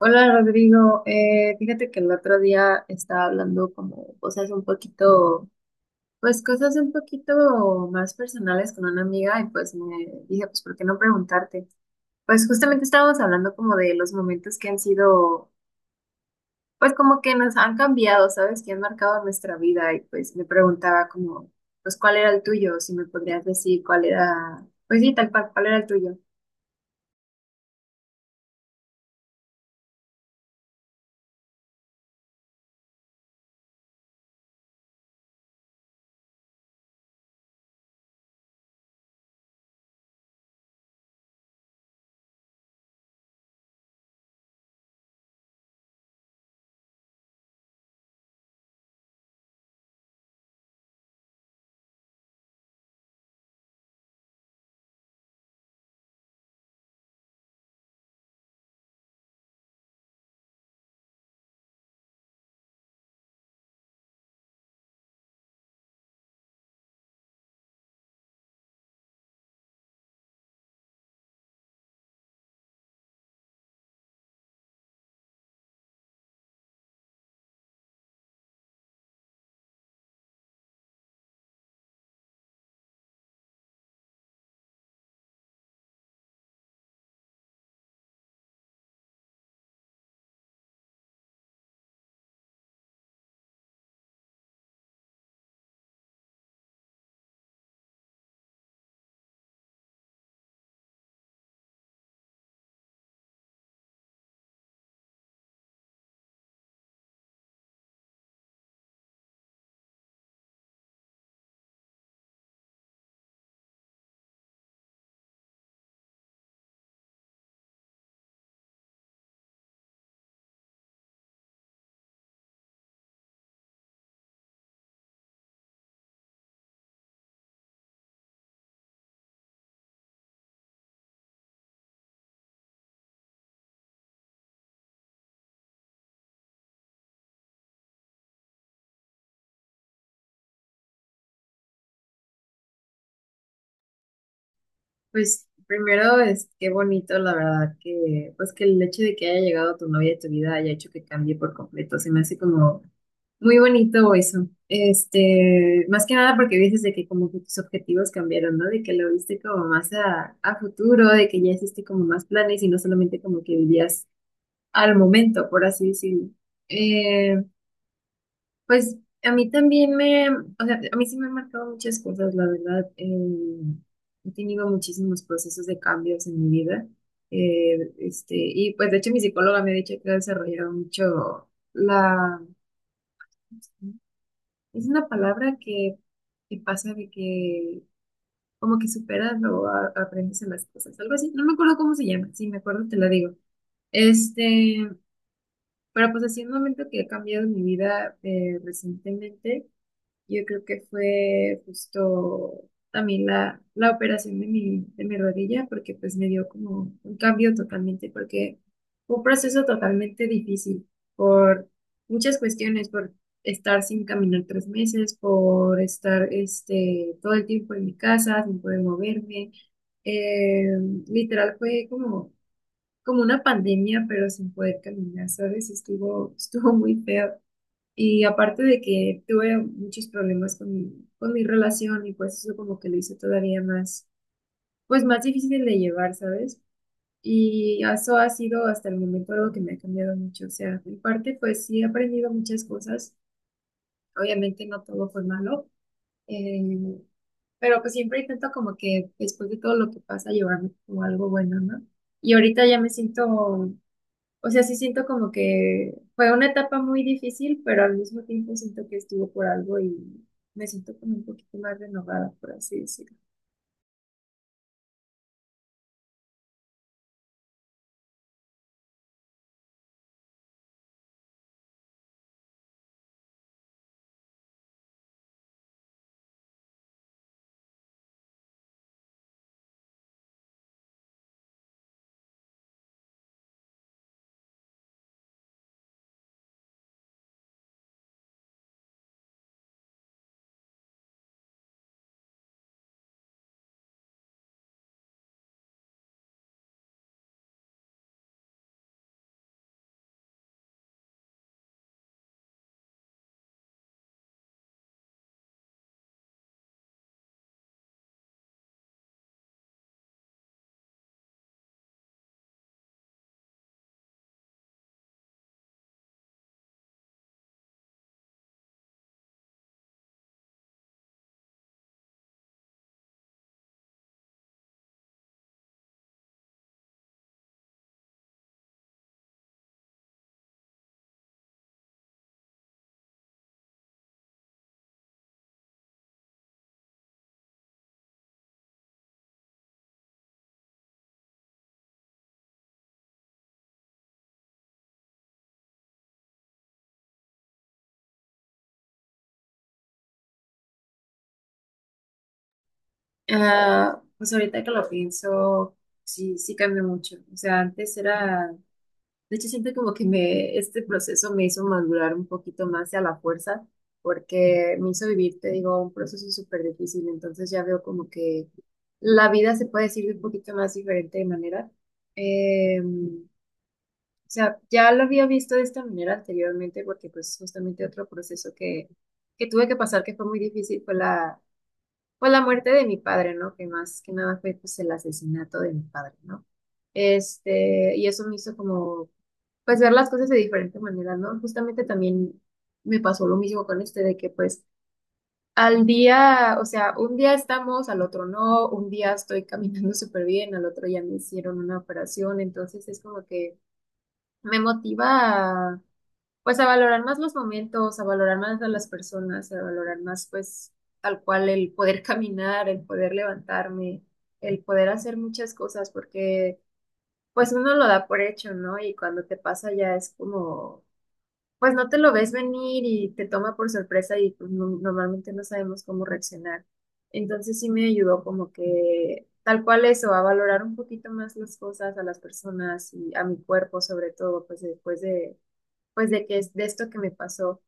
Hola Rodrigo, fíjate que el otro día estaba hablando como cosas un poquito, pues cosas un poquito más personales con una amiga y pues me dije, pues ¿por qué no preguntarte? Pues justamente estábamos hablando como de los momentos que han sido, pues como que nos han cambiado, ¿sabes? Que han marcado nuestra vida y pues me preguntaba como, pues ¿cuál era el tuyo? Si me podrías decir cuál era, pues sí, tal cual, ¿cuál era el tuyo? Pues primero es qué bonito, la verdad, que pues que el hecho de que haya llegado tu novia a tu vida haya hecho que cambie por completo, se me hace como muy bonito eso. Este, más que nada porque dices de que como que tus objetivos cambiaron, ¿no? De que lo viste como más a futuro, de que ya hiciste como más planes y no solamente como que vivías al momento, por así decirlo. Eh, pues a mí también me, o sea, a mí sí me han marcado muchas cosas, la verdad. He tenido muchísimos procesos de cambios en mi vida. Y pues de hecho mi psicóloga me ha dicho que ha desarrollado mucho la, es una palabra que pasa de que como que superas o aprendes en las cosas, algo así. No me acuerdo cómo se llama, si me acuerdo te la digo. Este, pero pues así un momento que ha cambiado mi vida recientemente. Yo creo que fue justo también la operación de mi rodilla, porque pues me dio como un cambio totalmente, porque fue un proceso totalmente difícil por muchas cuestiones, por estar sin caminar 3 meses, por estar este, todo el tiempo en mi casa, sin poder moverme. Eh, literal fue como, como una pandemia, pero sin poder caminar, ¿sabes? Estuvo, estuvo muy feo. Y aparte de que tuve muchos problemas con mi relación y pues eso como que lo hizo todavía más, pues más difícil de llevar, ¿sabes? Y eso ha sido hasta el momento algo que me ha cambiado mucho. O sea, en parte pues sí he aprendido muchas cosas. Obviamente no todo fue malo, eh, pero pues siempre intento como que después de todo lo que pasa llevarme como algo bueno, ¿no? Y ahorita ya me siento, o sea, sí siento como que fue una etapa muy difícil, pero al mismo tiempo siento que estuvo por algo y me siento como un poquito más renovada, por así decirlo. Ah, pues ahorita que lo pienso, sí, sí cambió mucho. O sea, antes era, de hecho siento como que me, este proceso me hizo madurar un poquito más y a la fuerza, porque me hizo vivir, te digo, un proceso súper difícil. Entonces ya veo como que la vida se puede decir de un poquito más diferente de manera. Em, O sea, ya lo había visto de esta manera anteriormente porque pues justamente otro proceso que tuve que pasar que fue muy difícil fue la muerte de mi padre, ¿no? Que más que nada fue pues el asesinato de mi padre, ¿no? Este, y eso me hizo como pues ver las cosas de diferente manera, ¿no? Justamente también me pasó lo mismo con este de que pues al día, o sea, un día estamos, al otro no, un día estoy caminando súper bien, al otro ya me hicieron una operación, entonces es como que me motiva pues a valorar más los momentos, a valorar más a las personas, a valorar más pues tal cual el poder caminar, el poder levantarme, el poder hacer muchas cosas, porque pues uno lo da por hecho, ¿no? Y cuando te pasa ya es como, pues no te lo ves venir y te toma por sorpresa y pues normalmente no sabemos cómo reaccionar. Entonces sí me ayudó como que tal cual eso, a valorar un poquito más las cosas, a las personas y a mi cuerpo sobre todo, pues después de pues de que es de esto que me pasó.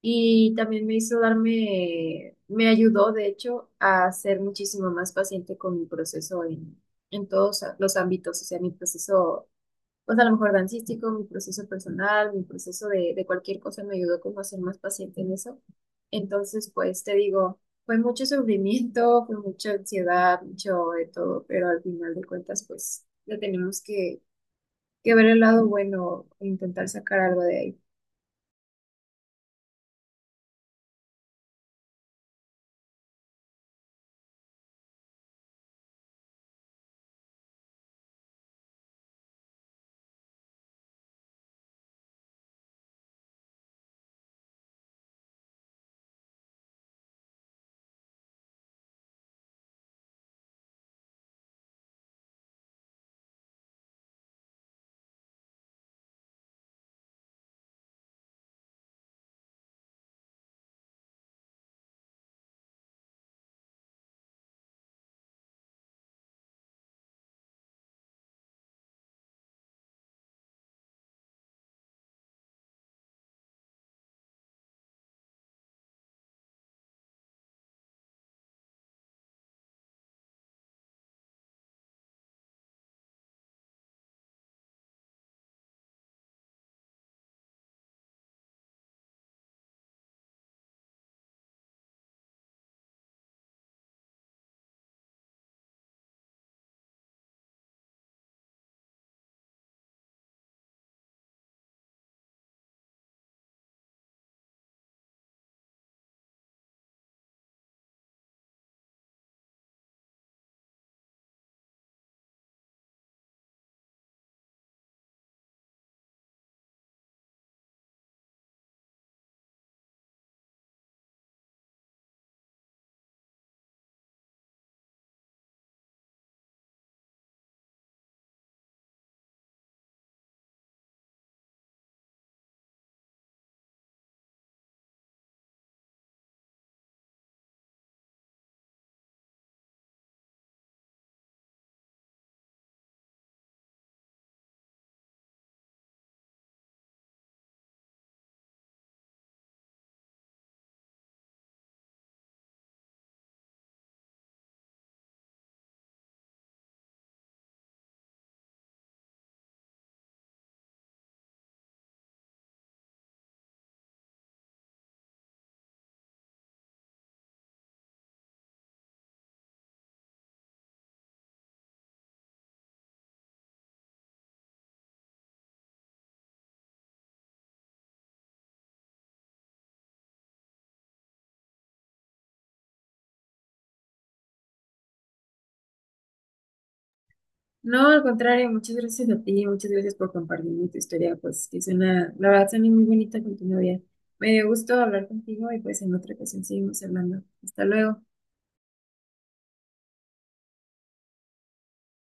Y también me hizo darme, me ayudó, de hecho, a ser muchísimo más paciente con mi proceso en todos los ámbitos, o sea, mi proceso, pues a lo mejor dancístico, mi proceso personal, mi proceso de cualquier cosa me ayudó como a ser más paciente en eso. Entonces, pues te digo, fue mucho sufrimiento, fue mucha ansiedad, mucho de todo, pero al final de cuentas, pues le tenemos que ver el lado bueno e intentar sacar algo de ahí. No, al contrario, muchas gracias a ti, muchas gracias por compartirme tu historia, pues que suena, la verdad suena muy bonita con tu novia. Me dio gusto hablar contigo y pues en otra ocasión seguimos hablando. Hasta luego.